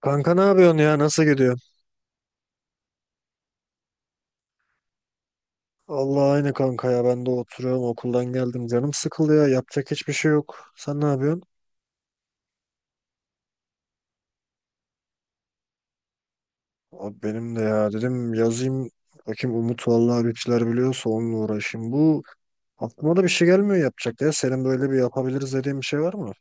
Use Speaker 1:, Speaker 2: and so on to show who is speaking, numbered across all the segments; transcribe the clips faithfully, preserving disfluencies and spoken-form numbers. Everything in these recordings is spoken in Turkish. Speaker 1: Kanka ne yapıyorsun ya? Nasıl gidiyor? Allah aynı kanka ya. Ben de oturuyorum. Okuldan geldim. Canım sıkıldı ya. Yapacak hiçbir şey yok. Sen ne yapıyorsun? Abi benim de ya. Dedim yazayım. Bakayım Umut vallahi bir şeyler biliyorsa onunla uğraşayım. Bu aklıma da bir şey gelmiyor yapacak ya. Senin böyle bir yapabiliriz dediğin bir şey var mı?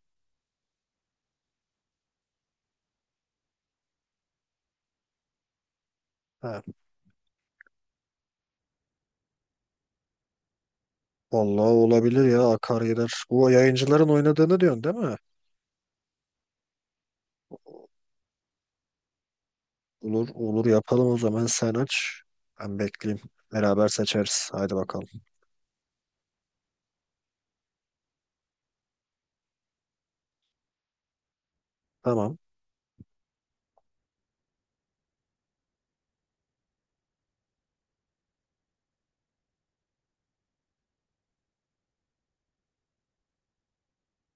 Speaker 1: He. Vallahi olabilir ya. Akar gider. Bu yayıncıların oynadığını diyorsun değil mi? Olur olur yapalım o zaman. Sen aç. Ben bekleyeyim. Beraber seçeriz. Haydi bakalım. Tamam.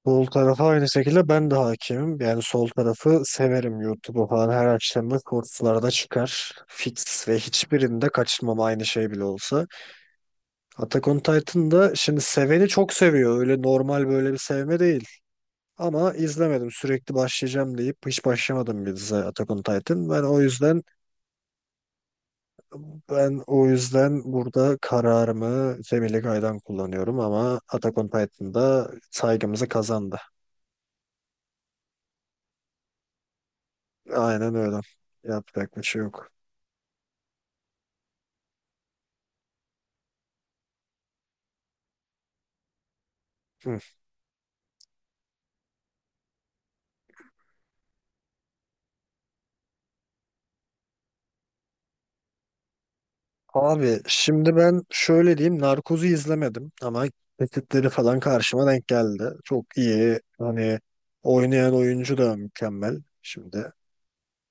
Speaker 1: Sol tarafa aynı şekilde ben de hakimim. Yani sol tarafı severim YouTube'u falan. Her akşam da shortslarda çıkar. Fix ve hiçbirinde kaçırmam aynı şey bile olsa. Attack on Titan'da şimdi seveni çok seviyor. Öyle normal böyle bir sevme değil. Ama izlemedim. Sürekli başlayacağım deyip hiç başlamadım bir dizi Attack on Titan. Ben o yüzden ben o yüzden burada kararımı Cemile Gay'dan kullanıyorum ama Attack on Titan'da saygımızı kazandı. Aynen öyle. Yapacak bir şey yok. Hı. Abi şimdi ben şöyle diyeyim. Narkoz'u izlemedim ama kesitleri falan karşıma denk geldi. Çok iyi. Hani oynayan oyuncu da mükemmel. Şimdi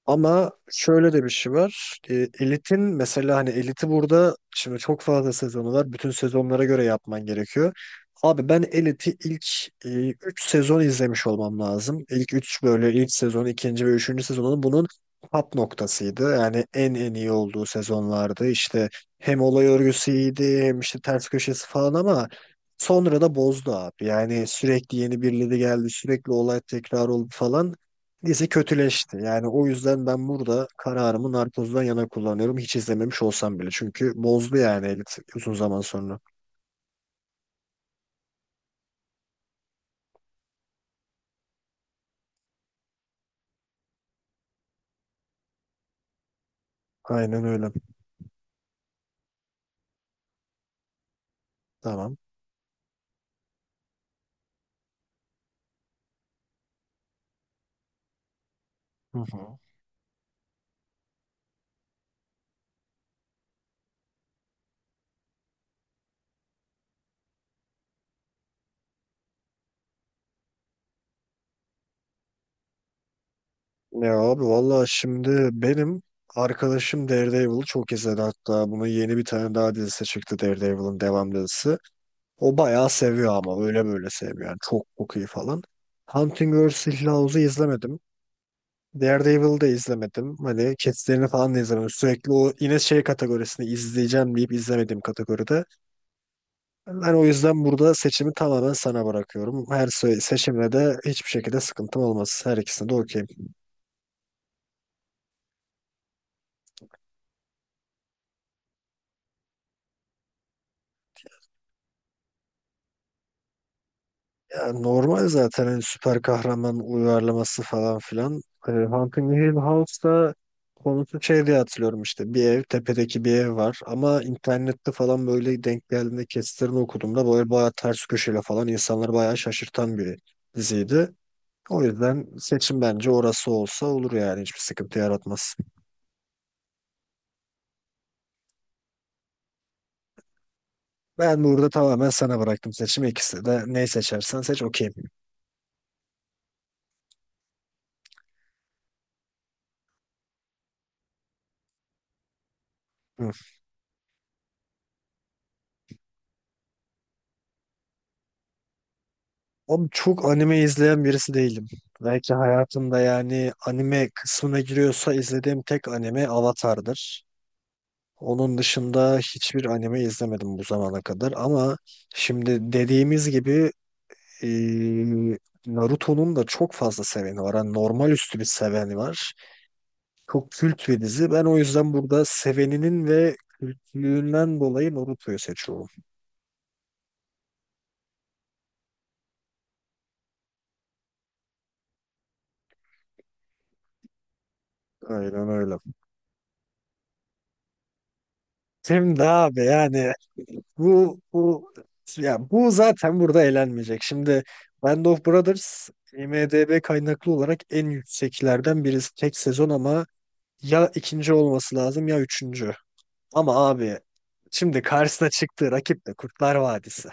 Speaker 1: ama şöyle de bir şey var. E, elitin mesela hani eliti burada şimdi çok fazla sezonu var. Bütün sezonlara göre yapman gerekiyor. Abi ben Elit'i ilk e, üç sezon izlemiş olmam lazım. İlk üç böyle ilk sezon, ikinci ve üçüncü sezonun bunun top noktasıydı. Yani en en iyi olduğu sezonlardı. İşte hem olay örgüsü iyiydi hem işte ters köşesi falan ama sonra da bozdu abi. Yani sürekli yeni birileri geldi, sürekli olay tekrar oldu falan. Dizi kötüleşti. Yani o yüzden ben burada kararımı Narcos'dan yana kullanıyorum. Hiç izlememiş olsam bile. Çünkü bozdu yani Elit uzun zaman sonra. Aynen öyle. Tamam. Hı hı. Ya abi valla şimdi benim arkadaşım Daredevil'ı çok izledi. Hatta bunun yeni bir tane daha dizisi çıktı, Daredevil'ın devam dizisi. O bayağı seviyor ama öyle böyle sevmiyor. Yani çok çok iyi falan. Hunting versus. Hill House'u izlemedim. Daredevil'ı da izlemedim. Hani kesitlerini falan da izlemedim. Sürekli o yine şey kategorisini izleyeceğim deyip izlemediğim kategoride. Ben o yüzden burada seçimi tamamen sana bırakıyorum. Her se- seçimle de hiçbir şekilde sıkıntım olmaz. Her ikisine de okeyim. Ya normal zaten hani süper kahraman uyarlaması falan filan. Ee, Hunting Hill House'da konusu şey diye hatırlıyorum, işte bir ev, tepedeki bir ev var ama internette falan böyle denk geldiğinde kesitlerini okuduğumda böyle bayağı ters köşeyle falan insanları bayağı şaşırtan bir diziydi. O yüzden seçim bence orası olsa olur yani, hiçbir sıkıntı yaratmaz. Ben burada tamamen sana bıraktım seçimi, ikisi de, neyi seçersen seç okeyim. Abi çok anime izleyen birisi değilim. Belki hayatımda, yani anime kısmına giriyorsa, izlediğim tek anime Avatar'dır. Onun dışında hiçbir anime izlemedim bu zamana kadar ama şimdi dediğimiz gibi eee, Naruto'nun da çok fazla seveni var. Yani normal üstü bir seveni var. Çok kült bir dizi. Ben o yüzden burada seveninin ve kültlüğünden dolayı Naruto'yu seçiyorum. Aynen öyle. Şimdi abi yani Bu bu ya bu zaten burada eğlenmeyecek. Şimdi Band of Brothers IMDb kaynaklı olarak en yükseklerden birisi, tek sezon, ama ya ikinci olması lazım ya üçüncü. Ama abi şimdi karşısına çıktığı rakip de Kurtlar Vadisi.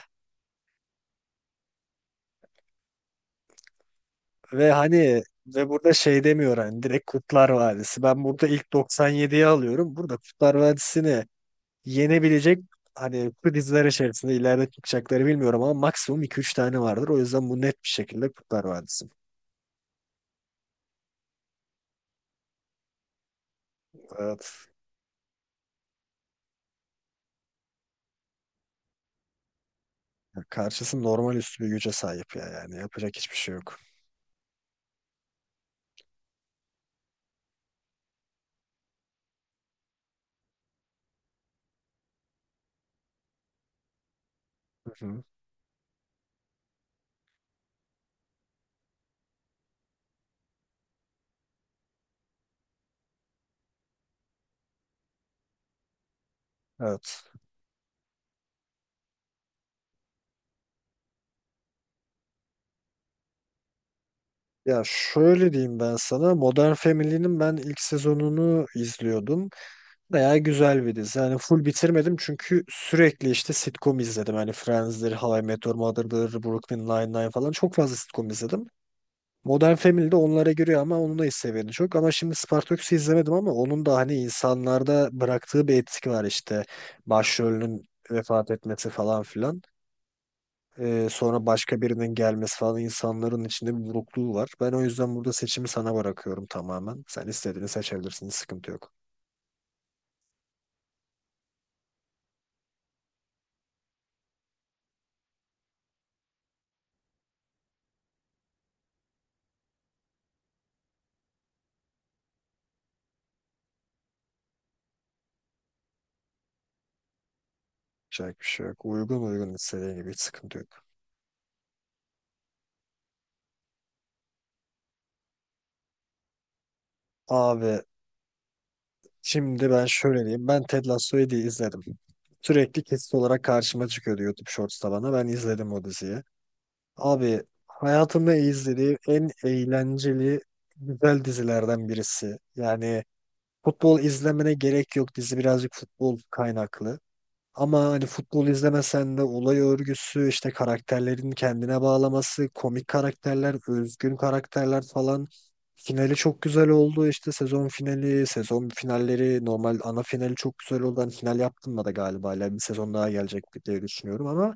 Speaker 1: Ve hani ve burada şey demiyor hani, direkt Kurtlar Vadisi. Ben burada ilk doksan yediyi alıyorum. Burada Kurtlar Vadisi'ni yenebilecek hani bu içerisinde ileride çıkacakları bilmiyorum ama maksimum iki üç tane vardır. O yüzden bu net bir şekilde Kurtlar Vadisi. Evet. Ya karşısı normal üstü bir güce sahip ya, yani yapacak hiçbir şey yok. Hı hı. Evet. Ya şöyle diyeyim ben sana, Modern Family'nin ben ilk sezonunu izliyordum. Bayağı güzel bir dizi. Yani full bitirmedim çünkü sürekli işte sitcom izledim. Hani Friends'dir, How I Met Your Mother'dır, Brooklyn Nine-Nine falan, çok fazla sitcom izledim. Modern Family de onlara giriyor ama onun da seviyeni çok. Ama şimdi Spartacus'u izlemedim ama onun da hani insanlarda bıraktığı bir etki var işte. Başrolünün vefat etmesi falan filan. Ee, sonra başka birinin gelmesi falan, insanların içinde bir burukluğu var. Ben o yüzden burada seçimi sana bırakıyorum tamamen. Sen istediğini seçebilirsin. Hiç sıkıntı yok. Yapacak bir şey yok. Uygun, uygun, istediğin gibi, hiç sıkıntı yok. Abi şimdi ben şöyle diyeyim. Ben Ted Lasso'yu diye izledim. Sürekli kesit olarak karşıma çıkıyordu YouTube Shorts'ta bana. Ben izledim o diziyi. Abi hayatımda izlediğim en eğlenceli, güzel dizilerden birisi. Yani futbol izlemene gerek yok. Dizi birazcık futbol kaynaklı. Ama hani futbol izlemesen de olay örgüsü, işte karakterlerin kendine bağlaması, komik karakterler, özgün karakterler falan. Finali çok güzel oldu. İşte sezon finali, sezon finalleri, normal ana finali çok güzel oldu. Hani final yaptım da galiba, hala bir sezon daha gelecek diye düşünüyorum ama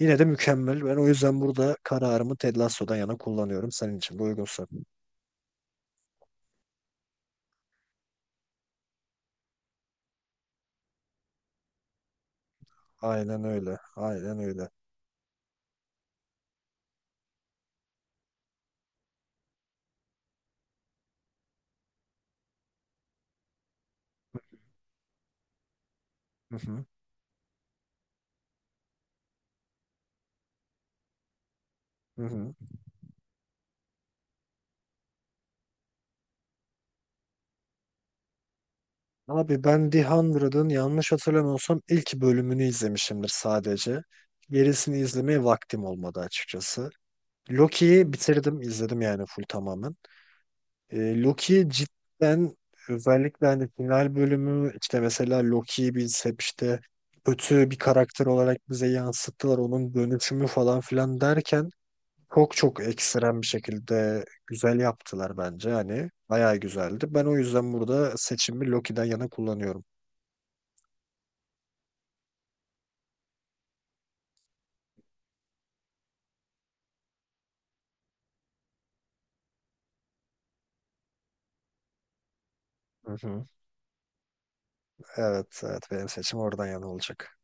Speaker 1: yine de mükemmel. Ben o yüzden burada kararımı Ted Lasso'dan yana kullanıyorum. Senin için de uygunsa. Aynen öyle. Aynen öyle. Hı hı. Hı hı. Abi ben The hundredın yanlış hatırlamıyorsam ilk bölümünü izlemişimdir sadece. Gerisini izlemeye vaktim olmadı açıkçası. Loki'yi bitirdim, izledim yani full tamamen. E, Loki cidden, özellikle hani final bölümü, işte mesela Loki'yi biz hep işte kötü bir karakter olarak bize yansıttılar, onun dönüşümü falan filan derken çok çok ekstrem bir şekilde güzel yaptılar bence. Hani bayağı güzeldi. Ben o yüzden burada seçimi Loki'den yana kullanıyorum. Hı hı. Evet, evet, benim seçim oradan yana olacak.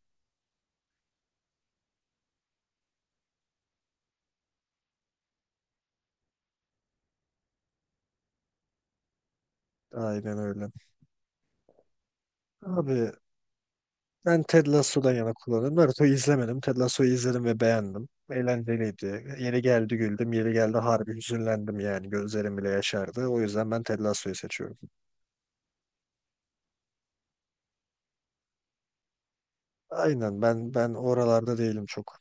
Speaker 1: Aynen öyle. Abi ben Ted Lasso'dan yana kullanırım. Naruto'yu izlemedim. Ted Lasso'yu izledim ve beğendim. Eğlenceliydi. Yeri geldi güldüm. Yeri geldi harbi hüzünlendim yani. Gözlerim bile yaşardı. O yüzden ben Ted Lasso'yu seçiyorum. Aynen, ben ben oralarda değilim çok.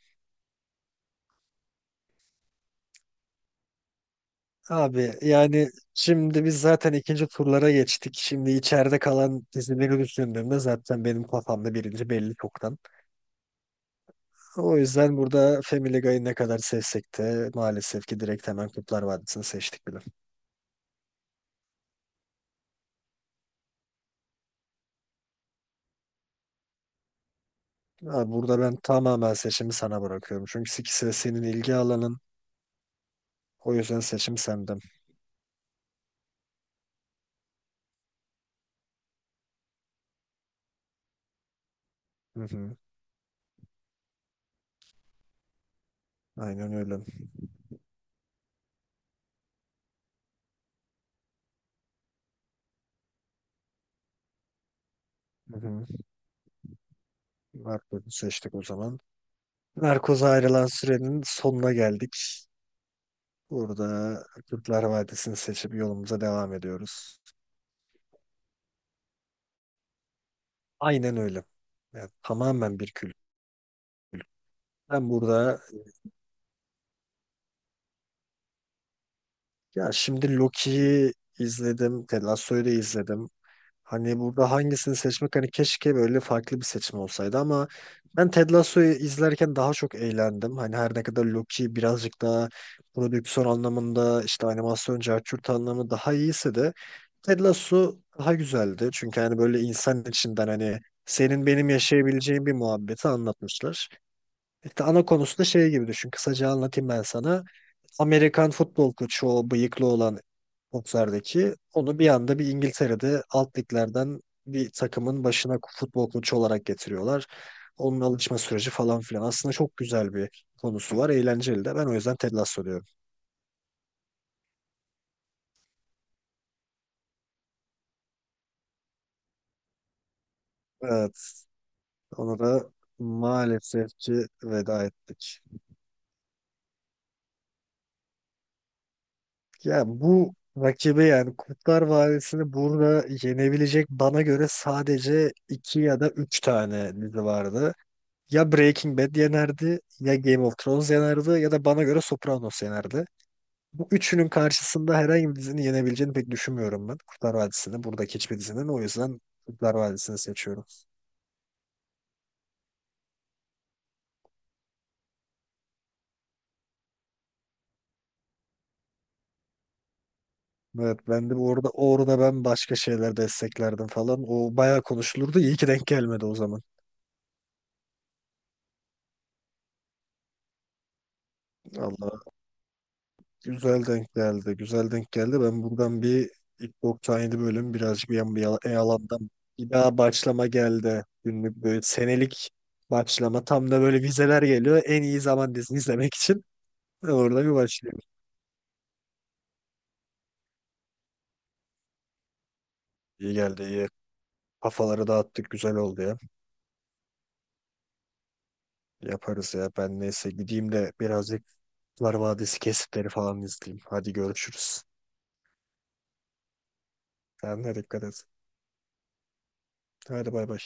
Speaker 1: Abi yani şimdi biz zaten ikinci turlara geçtik. Şimdi içeride kalan dizileri düşündüğümde zaten benim kafamda birinci belli çoktan. O yüzden burada Family Guy'ı ne kadar sevsek de maalesef ki direkt hemen Kurtlar Vadisi'ni seçtik bile. Abi burada ben tamamen seçimi sana bırakıyorum. Çünkü ikisi de senin ilgi alanın. O yüzden seçim senden. Hı hı. Aynen öyle. Hı hı. Narkoz'u seçtik o zaman. Narkoz'a ayrılan sürenin sonuna geldik. Burada Kurtlar Vadisi'ni seçip yolumuza devam ediyoruz. Aynen öyle. Yani tamamen bir kült. Ben burada, ya şimdi Loki'yi izledim, Ted Lasso'yu da izledim. Hani burada hangisini seçmek, hani keşke böyle farklı bir seçim olsaydı ama ben Ted Lasso'yu izlerken daha çok eğlendim. Hani her ne kadar Loki birazcık daha prodüksiyon anlamında, işte animasyon carçurt anlamı daha iyiyse de Ted Lasso daha güzeldi. Çünkü hani böyle insan içinden, hani senin benim yaşayabileceğin bir muhabbeti anlatmışlar. İşte ana konusu da şey gibi düşün. Kısaca anlatayım ben sana. Amerikan futbol koçu, o bıyıklı olan bokserdeki, onu bir anda bir İngiltere'de alt liglerden bir takımın başına futbol koçu olarak getiriyorlar. Onun alışma süreci falan filan. Aslında çok güzel bir konusu var. Eğlenceli de. Ben o yüzden Ted Lasso diyorum. Evet. Ona da maalesef ki veda ettik. Ya bu rakibi, yani Kurtlar Vadisi'ni burada yenebilecek bana göre sadece iki ya da üç tane dizi vardı. Ya Breaking Bad yenerdi, ya Game of Thrones yenerdi, ya da bana göre Sopranos yenerdi. Bu üçünün karşısında herhangi bir dizinin yenebileceğini pek düşünmüyorum ben. Kurtlar Vadisi'ni, buradaki hiçbir dizinin. O yüzden Kurtlar Vadisi'ni seçiyorum. Evet, ben de orada orada ben başka şeyler desteklerdim falan. O bayağı konuşulurdu. İyi ki denk gelmedi o zaman. Allah güzel denk geldi. Güzel denk geldi. Ben buradan bir ilk doksan yedi bölüm birazcık bir yan- bir yala- e, yalandan bir daha başlama geldi. Günlük böyle senelik başlama. Tam da böyle vizeler geliyor. En iyi zaman dizini izlemek için. Ben orada bir başlayayım. İyi geldi, iyi. Kafaları dağıttık. Güzel oldu ya. Yaparız ya. Ben neyse gideyim de birazcık Kurtlar Vadisi kesitleri falan izleyeyim. Hadi görüşürüz. Kendine dikkat et. Hadi bay bay.